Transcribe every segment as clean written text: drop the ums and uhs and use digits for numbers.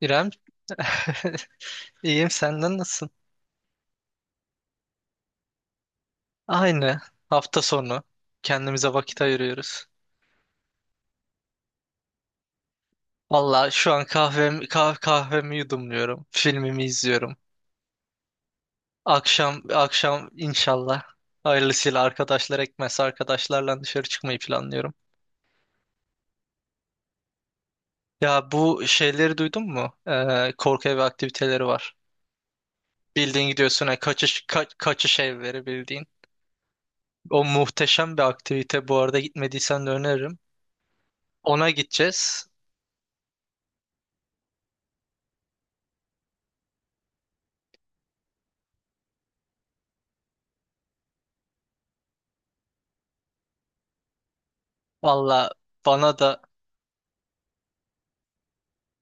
İrem, iyiyim, senden nasılsın? Aynı, hafta sonu kendimize vakit ayırıyoruz. Valla şu an kahvemi yudumluyorum, filmimi izliyorum. Akşam akşam inşallah hayırlısıyla arkadaşlar ekmezse arkadaşlarla dışarı çıkmayı planlıyorum. Ya bu şeyleri duydun mu? Korku evi aktiviteleri var. Bildiğin gidiyorsun ha, kaçış evleri bildiğin. O muhteşem bir aktivite, bu arada gitmediysen de öneririm. Ona gideceğiz. Valla bana da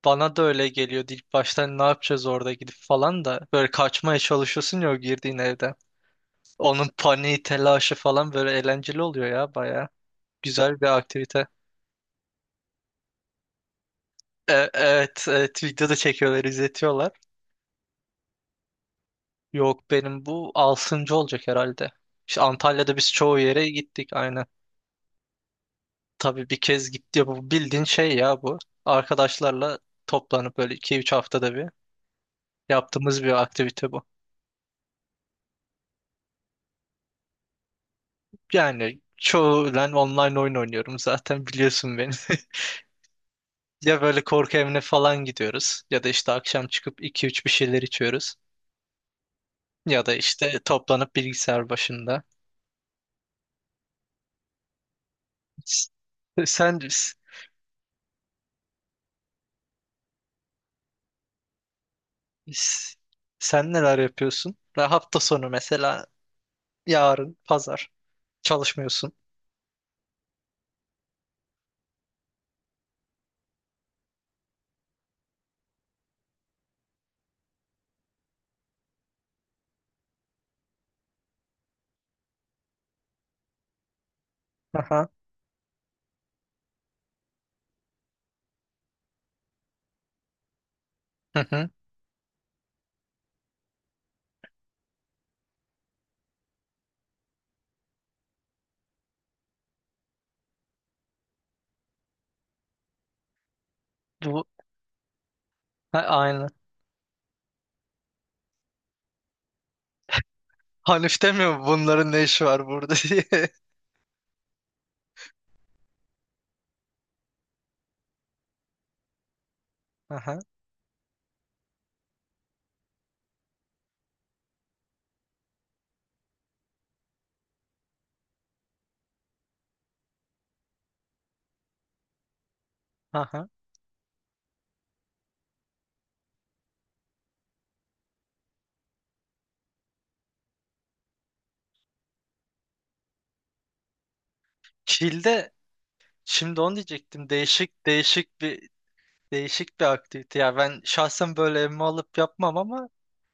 bana da öyle geliyordu ilk baştan, ne yapacağız orada gidip falan da böyle kaçmaya çalışıyorsun ya o girdiğin evde. Onun paniği, telaşı falan böyle eğlenceli oluyor ya baya. Güzel bir aktivite. Evet, video da çekiyorlar, izletiyorlar. Yok, benim bu altıncı olacak herhalde. İşte Antalya'da biz çoğu yere gittik, aynen. Tabii bir kez gitti, bu bildiğin şey ya bu. Arkadaşlarla toplanıp böyle 2-3 haftada bir yaptığımız bir aktivite bu. Yani çoğulen online oyun oynuyorum, zaten biliyorsun beni. Ya böyle korku evine falan gidiyoruz ya da işte akşam çıkıp iki üç bir şeyler içiyoruz ya da işte toplanıp bilgisayar başında. S- Sen s- s- sen neler yapıyorsun? Ve hafta sonu mesela yarın pazar çalışmıyorsun. Aha. Hı hı. Bu ha, aynı. Hanif demiyor mu bunların ne işi var burada diye. Aha. Aha. Çil'de şimdi onu diyecektim. Değişik bir aktivite ya. Ben şahsen böyle evime alıp yapmam ama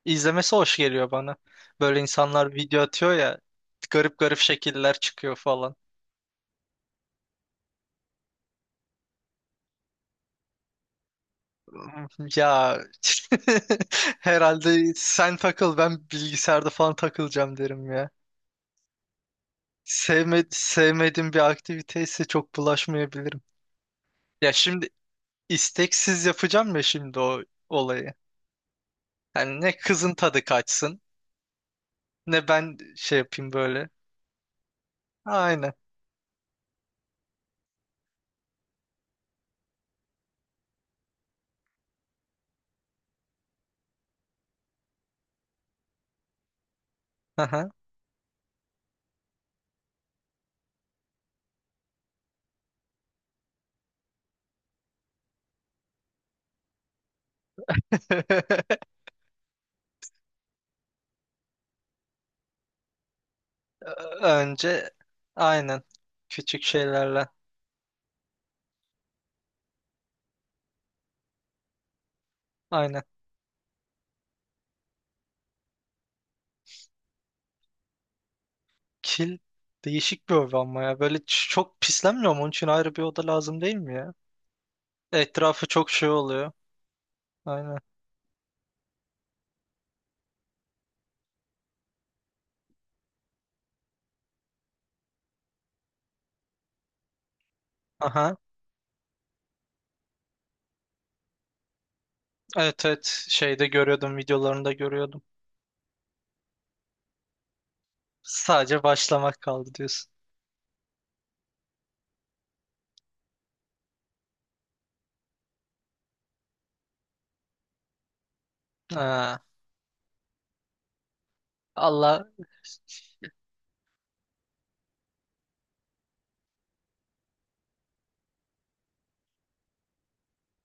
izlemesi hoş geliyor bana. Böyle insanlar video atıyor ya, garip garip şekiller çıkıyor falan. Ya herhalde sen takıl, ben bilgisayarda falan takılacağım derim ya. Sevmediğim bir aktivite ise çok bulaşmayabilirim. Ya şimdi isteksiz yapacağım ya şimdi o olayı. Yani ne kızın tadı kaçsın, ne ben şey yapayım böyle. Aynen. Aha. Önce, aynen, küçük şeylerle, aynen, kil değişik bir oda ama ya böyle çok pislenmiyor mu? Onun için ayrı bir oda lazım, değil mi ya? Etrafı çok şey oluyor. Aynen. Aha. Evet, evet, şeyde görüyordum videolarında görüyordum. Sadece başlamak kaldı diyorsun. Ha. Allah,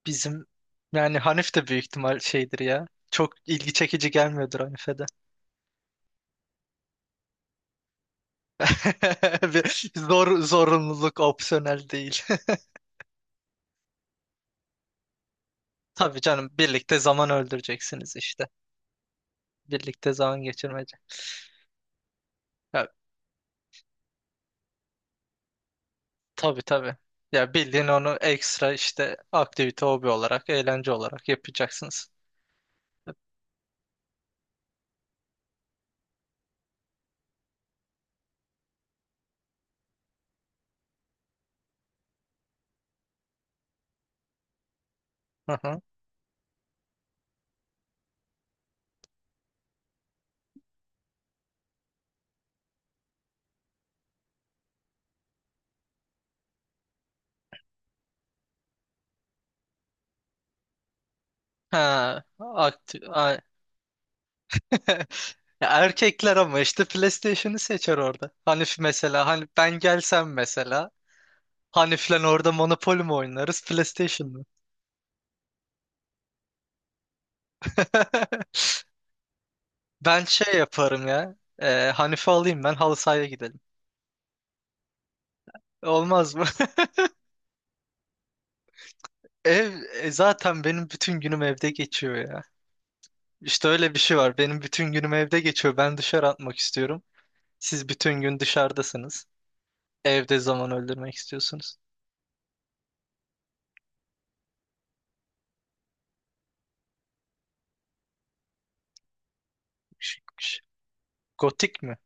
bizim yani Hanif de büyük ihtimal şeydir ya. Çok ilgi çekici gelmiyordur Hanif'e de. Bir zorunluluk, opsiyonel değil. Tabii canım, birlikte zaman öldüreceksiniz işte. Birlikte zaman geçirmece. Ya, tabii tabii. Ya bildiğin onu ekstra işte aktivite, hobi olarak, eğlence olarak yapacaksınız. Hı hı. Ha, ya erkekler ama işte PlayStation'ı seçer orada. Hanif mesela, hani ben gelsem mesela Hanif'le orada Monopoly mi oynarız, PlayStation mı? Ben şey yaparım ya. Hanif'i alayım, ben halı sahaya gidelim. Olmaz mı? Ev zaten benim bütün günüm evde geçiyor ya. İşte öyle bir şey var. Benim bütün günüm evde geçiyor. Ben dışarı atmak istiyorum. Siz bütün gün dışarıdasınız. Evde zaman öldürmek istiyorsunuz. Ş- ş- Gotik mi?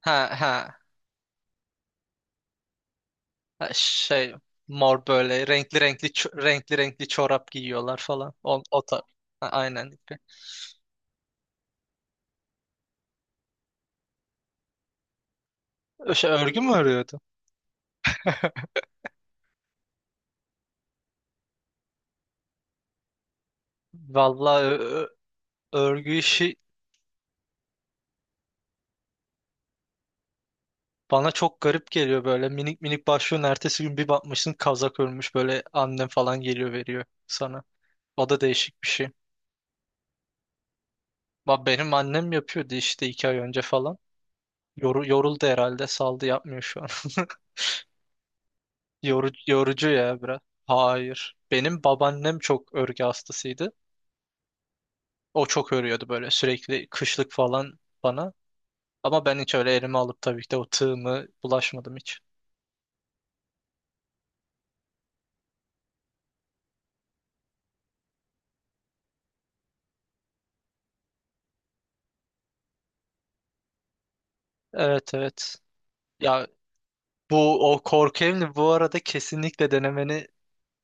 Ha ha. Ha, mor, böyle renkli renkli renkli renkli çorap giyiyorlar falan. Ha, aynen. Örgü mü örüyordu? Vallahi ö- örgü işi bana çok garip geliyor böyle. Minik minik başlıyorsun, ertesi gün bir bakmışsın kazak örmüş böyle, annem falan geliyor veriyor sana. O da değişik bir şey. Benim annem yapıyordu işte iki ay önce falan. Yoruldu herhalde, saldı, yapmıyor şu an. Yorucu, yorucu ya biraz. Hayır. Benim babaannem çok örgü hastasıydı. O çok örüyordu böyle, sürekli kışlık falan bana. Ama ben hiç öyle elime alıp tabii ki de o tığımı bulaşmadım hiç. Evet, evet. Ya bu, o korku evini bu arada kesinlikle denemeni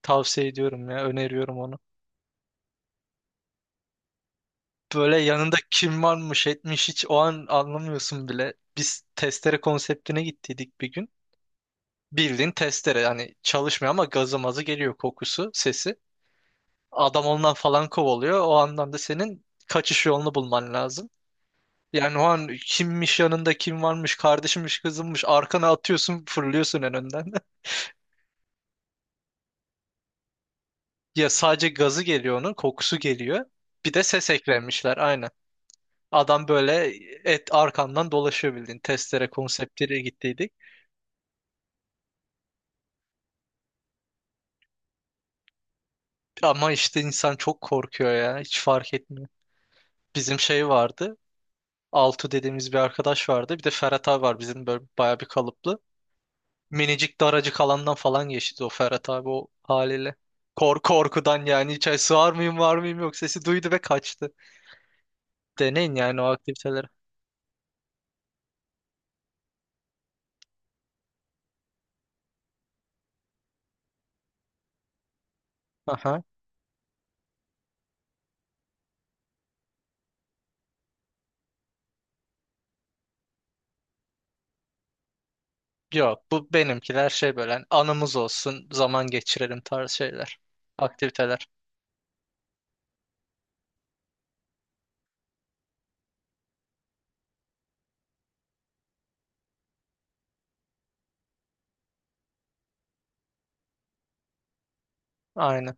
tavsiye ediyorum ya. Öneriyorum onu. Böyle yanında kim varmış etmiş hiç o an anlamıyorsun bile. Biz testere konseptine gittiydik bir gün. Bildiğin testere, yani çalışmıyor ama gazı mazı geliyor, kokusu, sesi. Adam ondan falan kovalıyor. O andan da senin kaçış yolunu bulman lazım. Yani o an kimmiş yanında, kim varmış, kardeşimmiş, kızımmış, arkana atıyorsun, fırlıyorsun en önden. Ya sadece gazı geliyor, onun kokusu geliyor. Bir de ses eklemişler, aynen. Adam böyle et arkandan dolaşıyor, bildiğin testere konseptiyle gittiydik. Ama işte insan çok korkuyor ya, hiç fark etmiyor. Bizim şey vardı, Altu dediğimiz bir arkadaş vardı, bir de Ferhat abi var bizim böyle bayağı bir kalıplı. Minicik, daracık alandan falan geçti o Ferhat abi o haliyle. Korkudan yani, içeri sığar mıyım var mıyım yok, sesi duydu ve kaçtı. Deneyin yani o aktiviteleri. Aha. Yok, bu benimkiler şey, böyle hani anımız olsun, zaman geçirelim tarz şeyler. Aktiviteler. Aynen.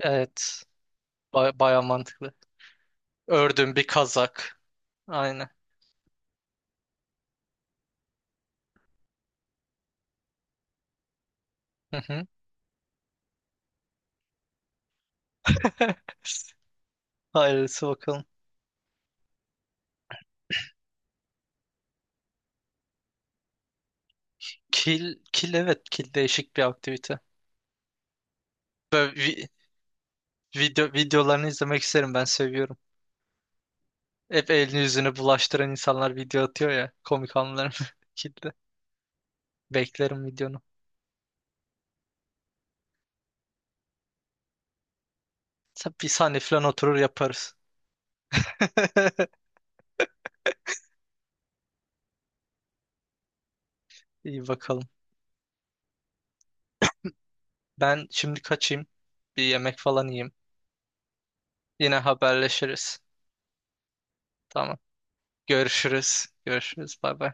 Evet. Baya mantıklı. Ördüm bir kazak. Aynen. Hı hı. Hayırlısı bakalım. Kil, evet, kil değişik bir aktivite. Böyle videolarını izlemek isterim, ben seviyorum. Hep elini yüzünü bulaştıran insanlar video atıyor ya. Komik anlarım kilitli. Beklerim videonu. Tabii, bir saniye falan oturur yaparız. İyi bakalım. Ben şimdi kaçayım. Bir yemek falan yiyeyim. Yine haberleşiriz. Tamam. Görüşürüz. Görüşürüz. Bay bay.